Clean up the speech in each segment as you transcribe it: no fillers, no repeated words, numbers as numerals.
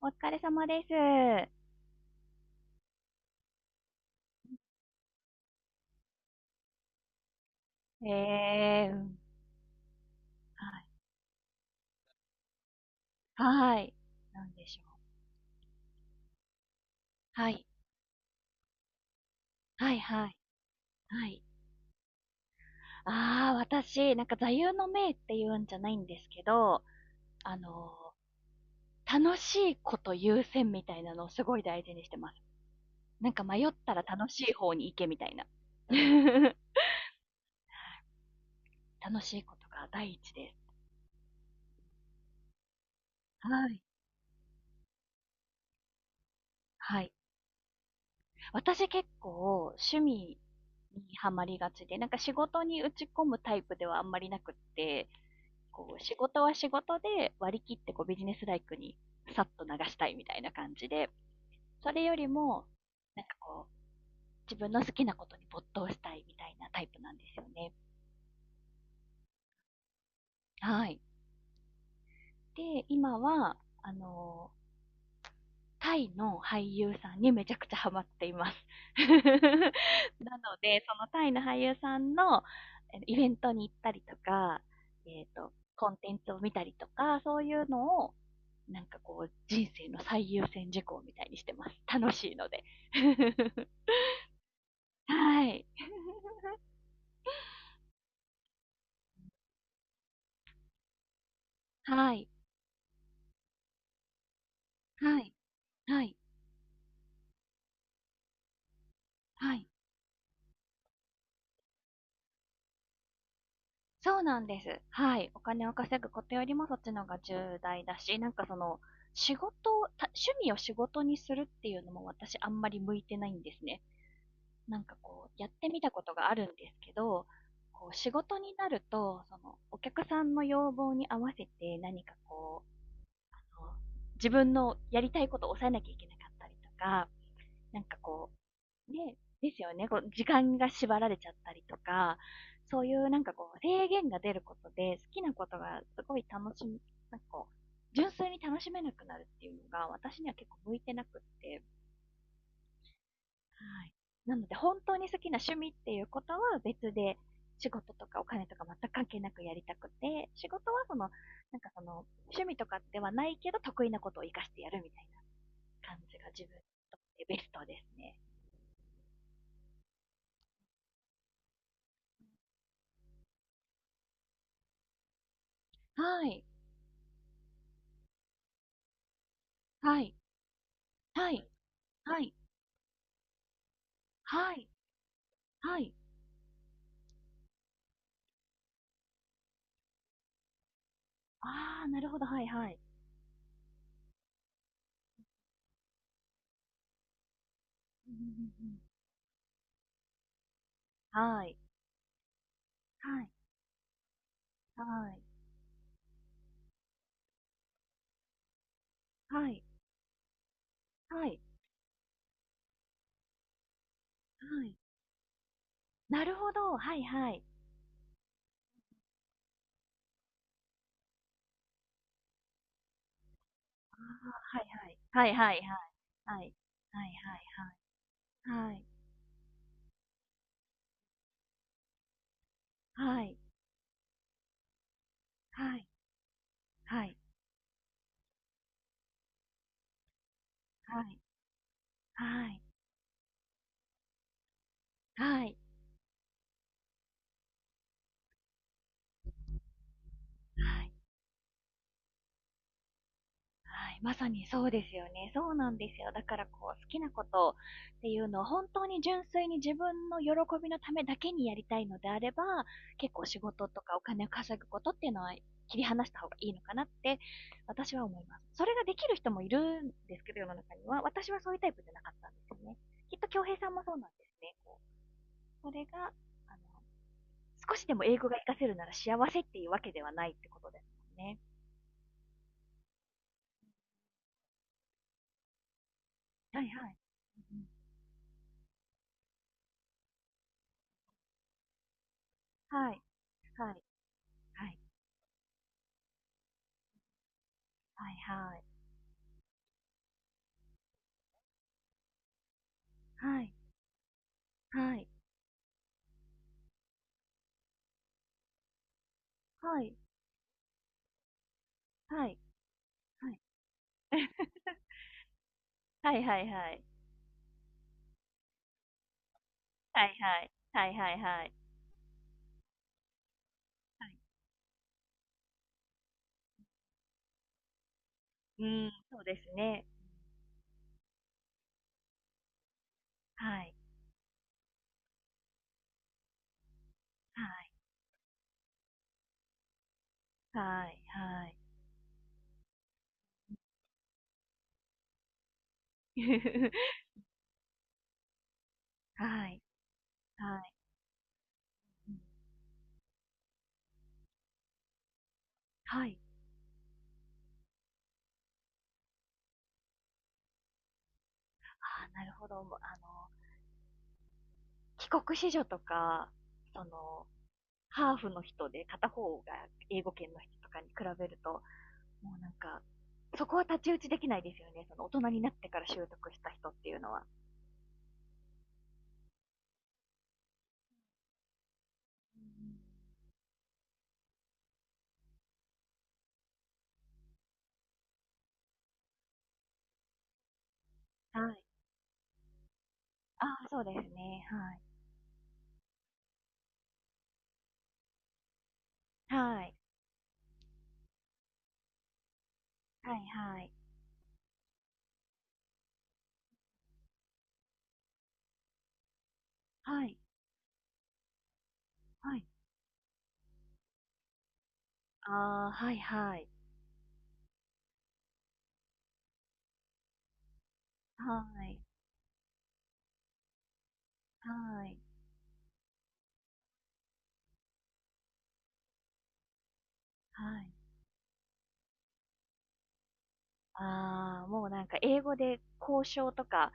お疲れ様です。うん。はい。はい。なんでしょう。はい。はいはい。はい。ああ、私、なんか座右の銘って言うんじゃないんですけど、あの楽しいこと優先みたいなのをすごい大事にしてます。なんか迷ったら楽しい方に行けみたいな。楽しいことが第一です。はい。はい。私結構趣味にハマりがちで、なんか仕事に打ち込むタイプではあんまりなくって、こう仕事は仕事で割り切ってこうビジネスライクにさっと流したいみたいな感じで、それよりも、なんかこう、自分の好きなことに没頭したいみたいなタイプなんですよね。はい。で、今は、あのタイの俳優さんにめちゃくちゃハマっています。なので、そのタイの俳優さんのイベントに行ったりとか、コンテンツを見たりとか、そういうのを、なんかこう、人生の最優先事項みたいにしてます。楽しいので。はい。はい。はい。はい。はい。そうなんです。はい。お金を稼ぐことよりもそっちの方が重大だし、なんかその、仕事を、た趣味を仕事にするっていうのも私あんまり向いてないんですね。なんかこう、やってみたことがあるんですけど、こう、仕事になると、その、お客さんの要望に合わせて何かこう、自分のやりたいことを抑えなきゃいけなかったりとか、なんかこう、ね、ですよね。こう、時間が縛られちゃったりとか、そういうなんかこう、制限が出ることで、好きなことがすごい楽しみ、なんかこう、純粋に楽しめなくなるっていうのが、私には結構向いてなくって、はい。なので、本当に好きな趣味っていうことは別で、仕事とかお金とか全く関係なくやりたくて、仕事はその、なんかその、趣味とかではないけど、得意なことを活かしてやるみたいな感じが自分にとってベストですね。はい。はい。はい。はい。はい、はい。ああ、なるほど、はいはい。はいはいはい。はい。はいはいはい。はい。はい。はい。はい。はい。はい。はい、まさにそうですよね。そうなんですよ。だからこう、好きなことっていうのを本当に純粋に自分の喜びのためだけにやりたいのであれば、結構仕事とかお金を稼ぐことっていうのは切り離した方がいいのかなって私は思います。それができる人もいるんですけど、世の中には。私はそういうタイプじゃなかったんですよね。きっと京平さんもそうなんですね。こうそれが、あの、少しでも英語が活かせるなら幸せっていうわけではないってことですもんね。はいはい。うんうん、はい、はい、はい。はいはい。はい。はい。はい。はい。はい。はいはいはい。はいはい。はいはいはい。はい。うーん、そうですね。はい。はい。はい。はい。はい。はい。うん。はい。ああ、なるほど。もう、帰国子女とか、その、ハーフの人で片方が英語圏の人とかに比べると、もうなんか、そこは太刀打ちできないですよね。その大人になってから習得した人っていうのは。はい。ああ、そうですね。はい。はい。はいはい。はい。はい。ああ、はいはい。はい。はい。はい。ああ、もうなんか英語で交渉とか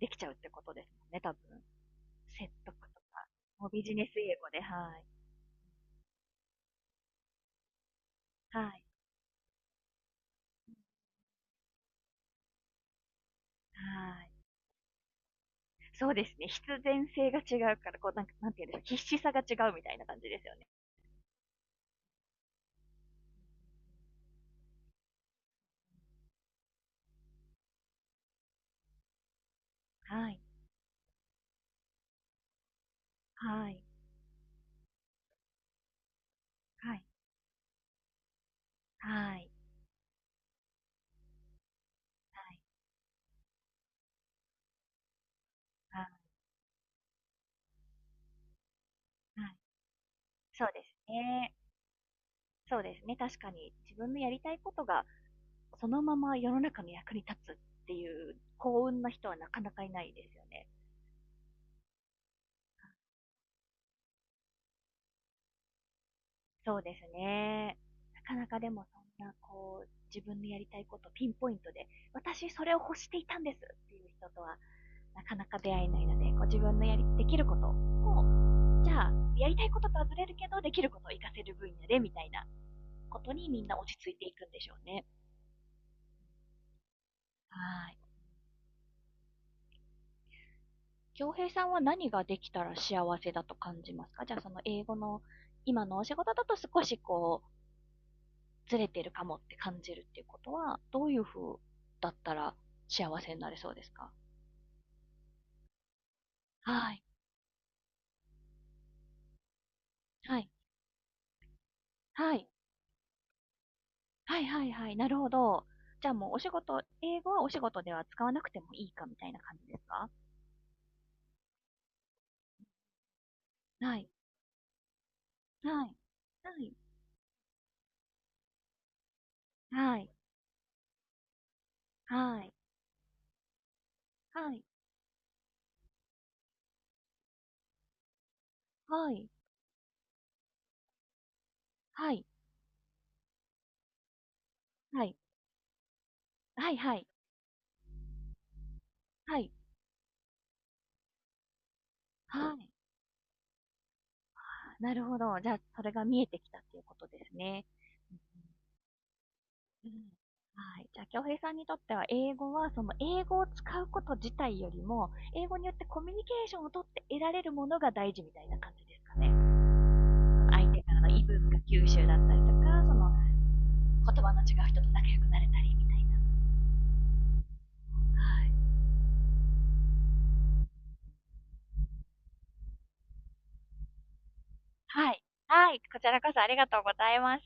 できちゃうってことですもんね、多分。説得とか。もうビジネス英語で、はい。はい。はい。そうですね。必然性が違うから、こう、なんか、なんていうんですか、必死さが違うみたいな感じですよね。はい。はい。はい。はい。はい。はい。はい、そうですね。そうですね。確かに自分のやりたいことがそのまま世の中の役に立つっていう幸運な人はなかなかいないですよね。そうですね。なかなかでもそんなこう、自分のやりたいことピンポイントで、私それを欲していたんですっていう人とはなかなか出会えないので、こう自分のやり、できることを、じゃあ、やりたいこととはずれるけど、できることを活かせる分野でみたいなことにみんな落ち着いていくんでしょうね。はい。京平さんは何ができたら幸せだと感じますか？じゃあ、その英語の今のお仕事だと少しこうずれてるかもって感じるっていうことは、どういう風だったら幸せになれそうですか？はい。はい。はい。はいはいはい。なるほど。じゃあもうお仕事、英語はお仕事では使わなくてもいいかみたいな感じですか？はい。はい。はい。はい。はい。はい。はい。はい。はい。はい。はい。はい。はい。なるほど。じゃあ、それが見えてきたっていうことですね。うんうんうん。はい。じゃあ、京平さんにとっては、英語は、その、英語を使うこと自体よりも、英語によってコミュニケーションをとって得られるものが大事みたいな感じですかね。相手からの異文化吸収だったりとか、その、言葉の違う人と仲良くなれたりみたいな。はい。はい。はい。こちらこそありがとうございます。